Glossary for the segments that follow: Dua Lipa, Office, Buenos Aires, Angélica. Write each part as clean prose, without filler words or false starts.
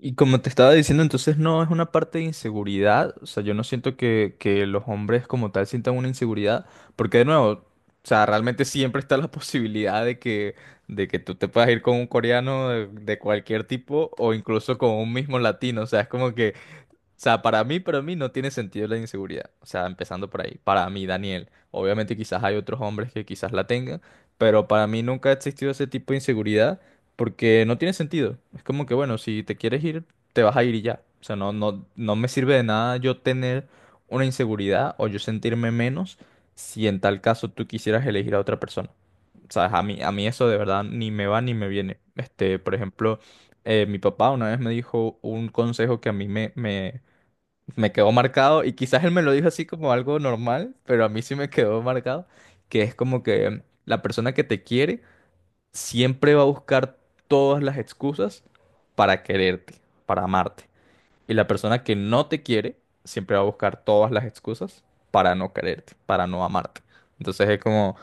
Y como te estaba diciendo, entonces no es una parte de inseguridad. O sea, yo no siento que los hombres como tal sientan una inseguridad. Porque de nuevo, o sea, realmente siempre está la posibilidad de que tú te puedas ir con un coreano de cualquier tipo o incluso con un mismo latino. O sea, es como que o sea, para mí no tiene sentido la inseguridad. O sea, empezando por ahí. Para mí, Daniel. Obviamente quizás hay otros hombres que quizás la tengan, pero para mí nunca ha existido ese tipo de inseguridad porque no tiene sentido. Es como que, bueno, si te quieres ir, te vas a ir y ya. O sea, no, no, no me sirve de nada yo tener una inseguridad o yo sentirme menos si en tal caso tú quisieras elegir a otra persona. O sea, a mí eso de verdad ni me va ni me viene. Este, por ejemplo, mi papá una vez me dijo un consejo que a mí me quedó marcado y quizás él me lo dijo así como algo normal, pero a mí sí me quedó marcado, que es como que la persona que te quiere siempre va a buscar todas las excusas para quererte, para amarte. Y la persona que no te quiere siempre va a buscar todas las excusas para no quererte, para no amarte. Entonces es como...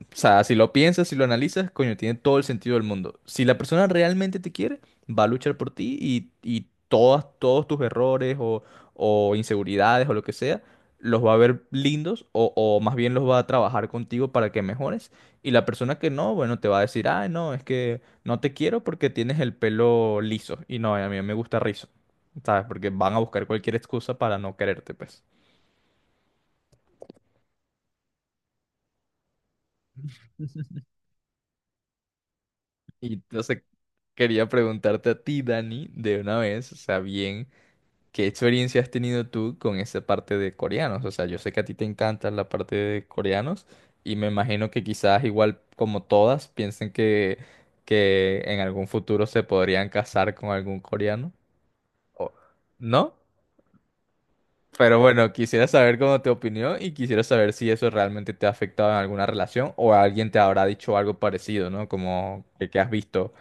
O sea, si lo piensas, si lo analizas, coño, tiene todo el sentido del mundo. Si la persona realmente te quiere, va a luchar por ti y todas, todos tus errores o inseguridades o lo que sea, los va a ver lindos o más bien los va a trabajar contigo para que mejores. Y la persona que no, bueno, te va a decir, ah no, es que no te quiero porque tienes el pelo liso. Y no, a mí me gusta rizo. ¿Sabes? Porque van a buscar cualquier excusa para no quererte, pues. Y entonces quería preguntarte a ti, Dani, de una vez, o sea, bien. ¿Qué experiencia has tenido tú con esa parte de coreanos? O sea, yo sé que a ti te encanta la parte de coreanos y me imagino que quizás igual como todas piensen que en algún futuro se podrían casar con algún coreano. o- ¿No? Pero bueno, quisiera saber cómo te opinión y quisiera saber si eso realmente te ha afectado en alguna relación o alguien te habrá dicho algo parecido, ¿no? Como que has visto.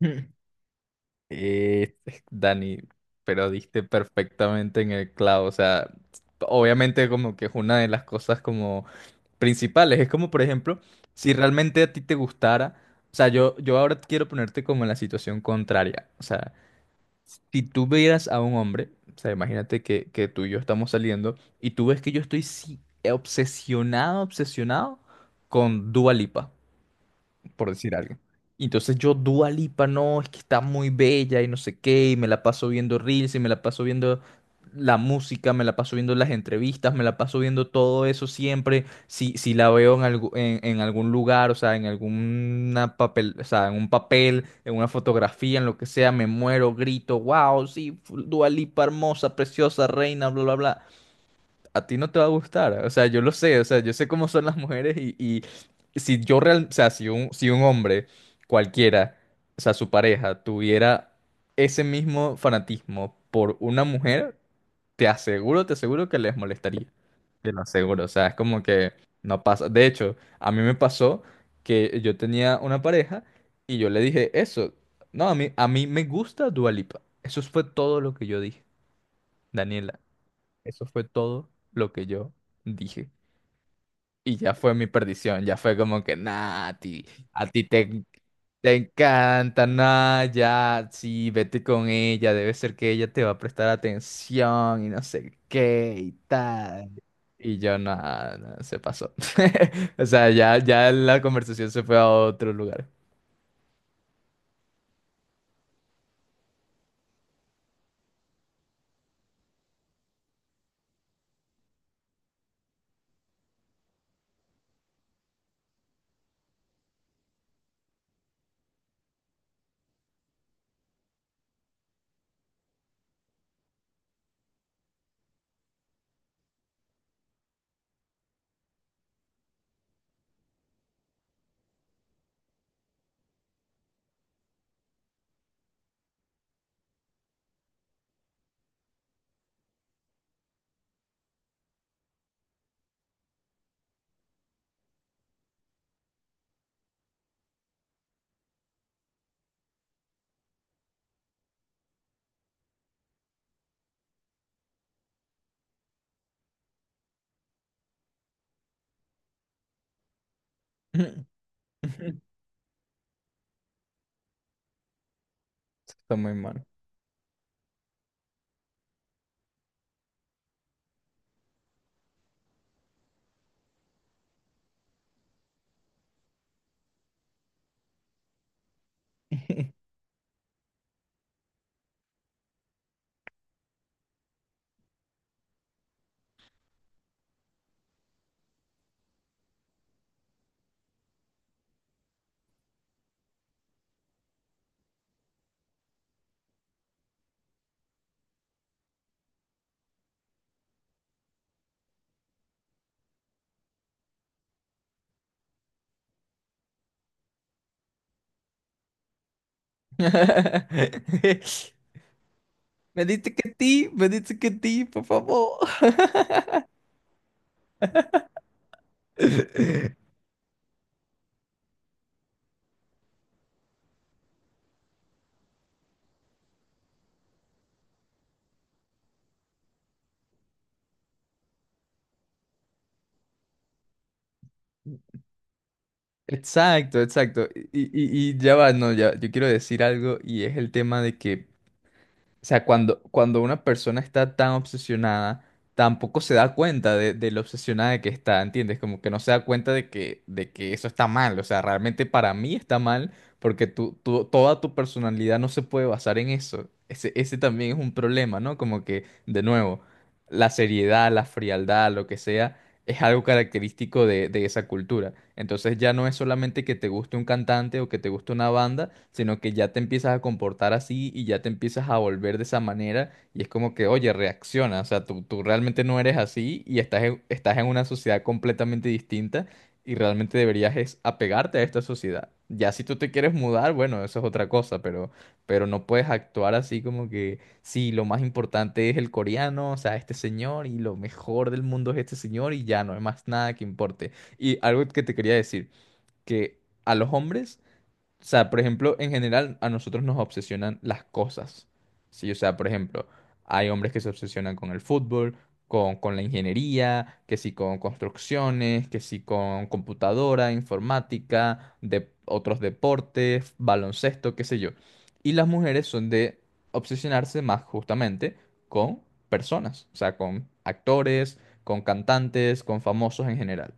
Eh, Dani, pero diste perfectamente en el clavo. O sea, obviamente como que es una de las cosas como principales. Es como, por ejemplo, si realmente a ti te gustara. O sea, yo ahora quiero ponerte como en la situación contraria. O sea, si tú vieras a un hombre, o sea, imagínate que tú y yo estamos saliendo y tú ves que yo estoy sí, obsesionado, obsesionado con Dua Lipa por decir algo. Y entonces yo, Dua Lipa, no, es que está muy bella y no sé qué, y me la paso viendo reels, y me la paso viendo la música, me la paso viendo las entrevistas, me la paso viendo todo eso siempre. Si, si la veo en, en algún lugar, o sea, en alguna papel, o sea, en un papel, en una fotografía, en lo que sea, me muero, grito, wow, sí, Dua Lipa, hermosa, preciosa, reina, bla, bla, bla a ti no te va a gustar. O sea, yo lo sé, o sea, yo sé cómo son las mujeres y si yo real, o sea, si un hombre cualquiera, o sea, su pareja, tuviera ese mismo fanatismo por una mujer, te aseguro que les molestaría. Te lo aseguro, o sea, es como que no pasa. De hecho, a mí me pasó que yo tenía una pareja y yo le dije eso. No, a mí me gusta Dua Lipa. Eso fue todo lo que yo dije, Daniela. Eso fue todo lo que yo dije. Y ya fue mi perdición, ya fue como que, nah, a ti, a ti te, en- te encanta, nah, ya, sí, vete con ella, debe ser que ella te va a prestar atención y no sé qué y tal. Y yo, nada, se pasó. O sea, ya, ya la conversación se fue a otro lugar. Está muy mal. Me dice que ti, me dice que ti, por favor. Exacto, exacto. Y, y ya va, no, ya, yo quiero decir algo y es el tema de que, o sea, cuando, cuando una persona está tan obsesionada, tampoco se da cuenta de lo obsesionada que está, ¿entiendes? Como que no se da cuenta de que eso está mal. O sea, realmente para mí está mal porque tú, toda tu personalidad no se puede basar en eso. Ese también es un problema, ¿no? Como que, de nuevo, la seriedad, la frialdad, lo que sea es algo característico de esa cultura. Entonces ya no es solamente que te guste un cantante o que te guste una banda, sino que ya te empiezas a comportar así y ya te empiezas a volver de esa manera y es como que, oye, reacciona, o sea, tú realmente no eres así y estás en, estás en una sociedad completamente distinta y realmente deberías es apegarte a esta sociedad. Ya si tú te quieres mudar, bueno, eso es otra cosa, pero no puedes actuar así como que... Sí, lo más importante es el coreano, o sea, este señor y lo mejor del mundo es este señor y ya no hay más nada que importe. Y algo que te quería decir, que a los hombres o sea, por ejemplo, en general a nosotros nos obsesionan las cosas. Sí, o sea, por ejemplo, hay hombres que se obsesionan con el fútbol, con la ingeniería, que sí con construcciones, que sí con computadora, informática, de otros deportes, baloncesto, qué sé yo. Y las mujeres son de obsesionarse más justamente con personas, o sea, con actores, con cantantes, con famosos en general.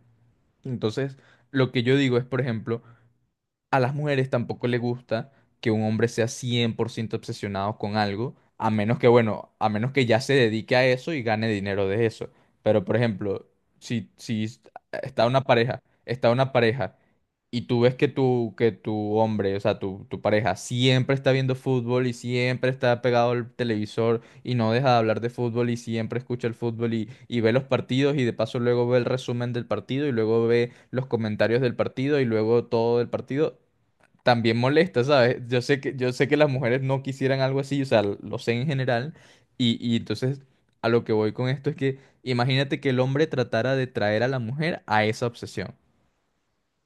Entonces, lo que yo digo es, por ejemplo, a las mujeres tampoco les gusta que un hombre sea 100% obsesionado con algo, a menos que, bueno, a menos que ya se dedique a eso y gane dinero de eso. Pero, por ejemplo, si, está una pareja y tú ves que tu hombre, o sea, tu pareja siempre está viendo fútbol y siempre está pegado al televisor y no deja de hablar de fútbol y siempre escucha el fútbol y ve los partidos y de paso luego ve el resumen del partido y luego ve los comentarios del partido y luego todo del partido, también molesta, ¿sabes? Yo sé que las mujeres no quisieran algo así, o sea, lo sé en general y entonces a lo que voy con esto es que imagínate que el hombre tratara de traer a la mujer a esa obsesión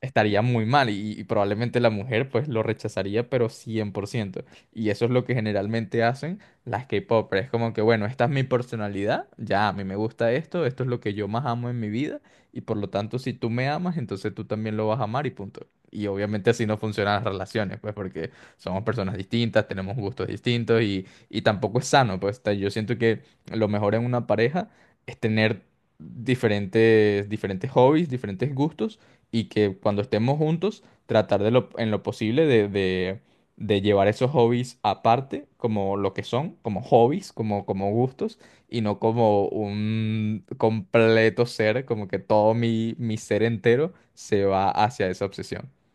estaría muy mal y probablemente la mujer pues lo rechazaría, pero 100% Y eso es lo que generalmente hacen las K-popers. Es como que, bueno, esta es mi personalidad, ya a mí me gusta esto, esto es lo que yo más amo en mi vida y por lo tanto si tú me amas, entonces tú también lo vas a amar y punto. Y obviamente así no funcionan las relaciones, pues porque somos personas distintas, tenemos gustos distintos y tampoco es sano, pues yo siento que lo mejor en una pareja es tener diferentes, diferentes hobbies, diferentes gustos y que cuando estemos juntos, tratar de lo, en lo posible de, de llevar esos hobbies aparte, como lo que son, como hobbies, como, como gustos, y no como un completo ser, como que todo mi, mi ser entero se va hacia esa obsesión.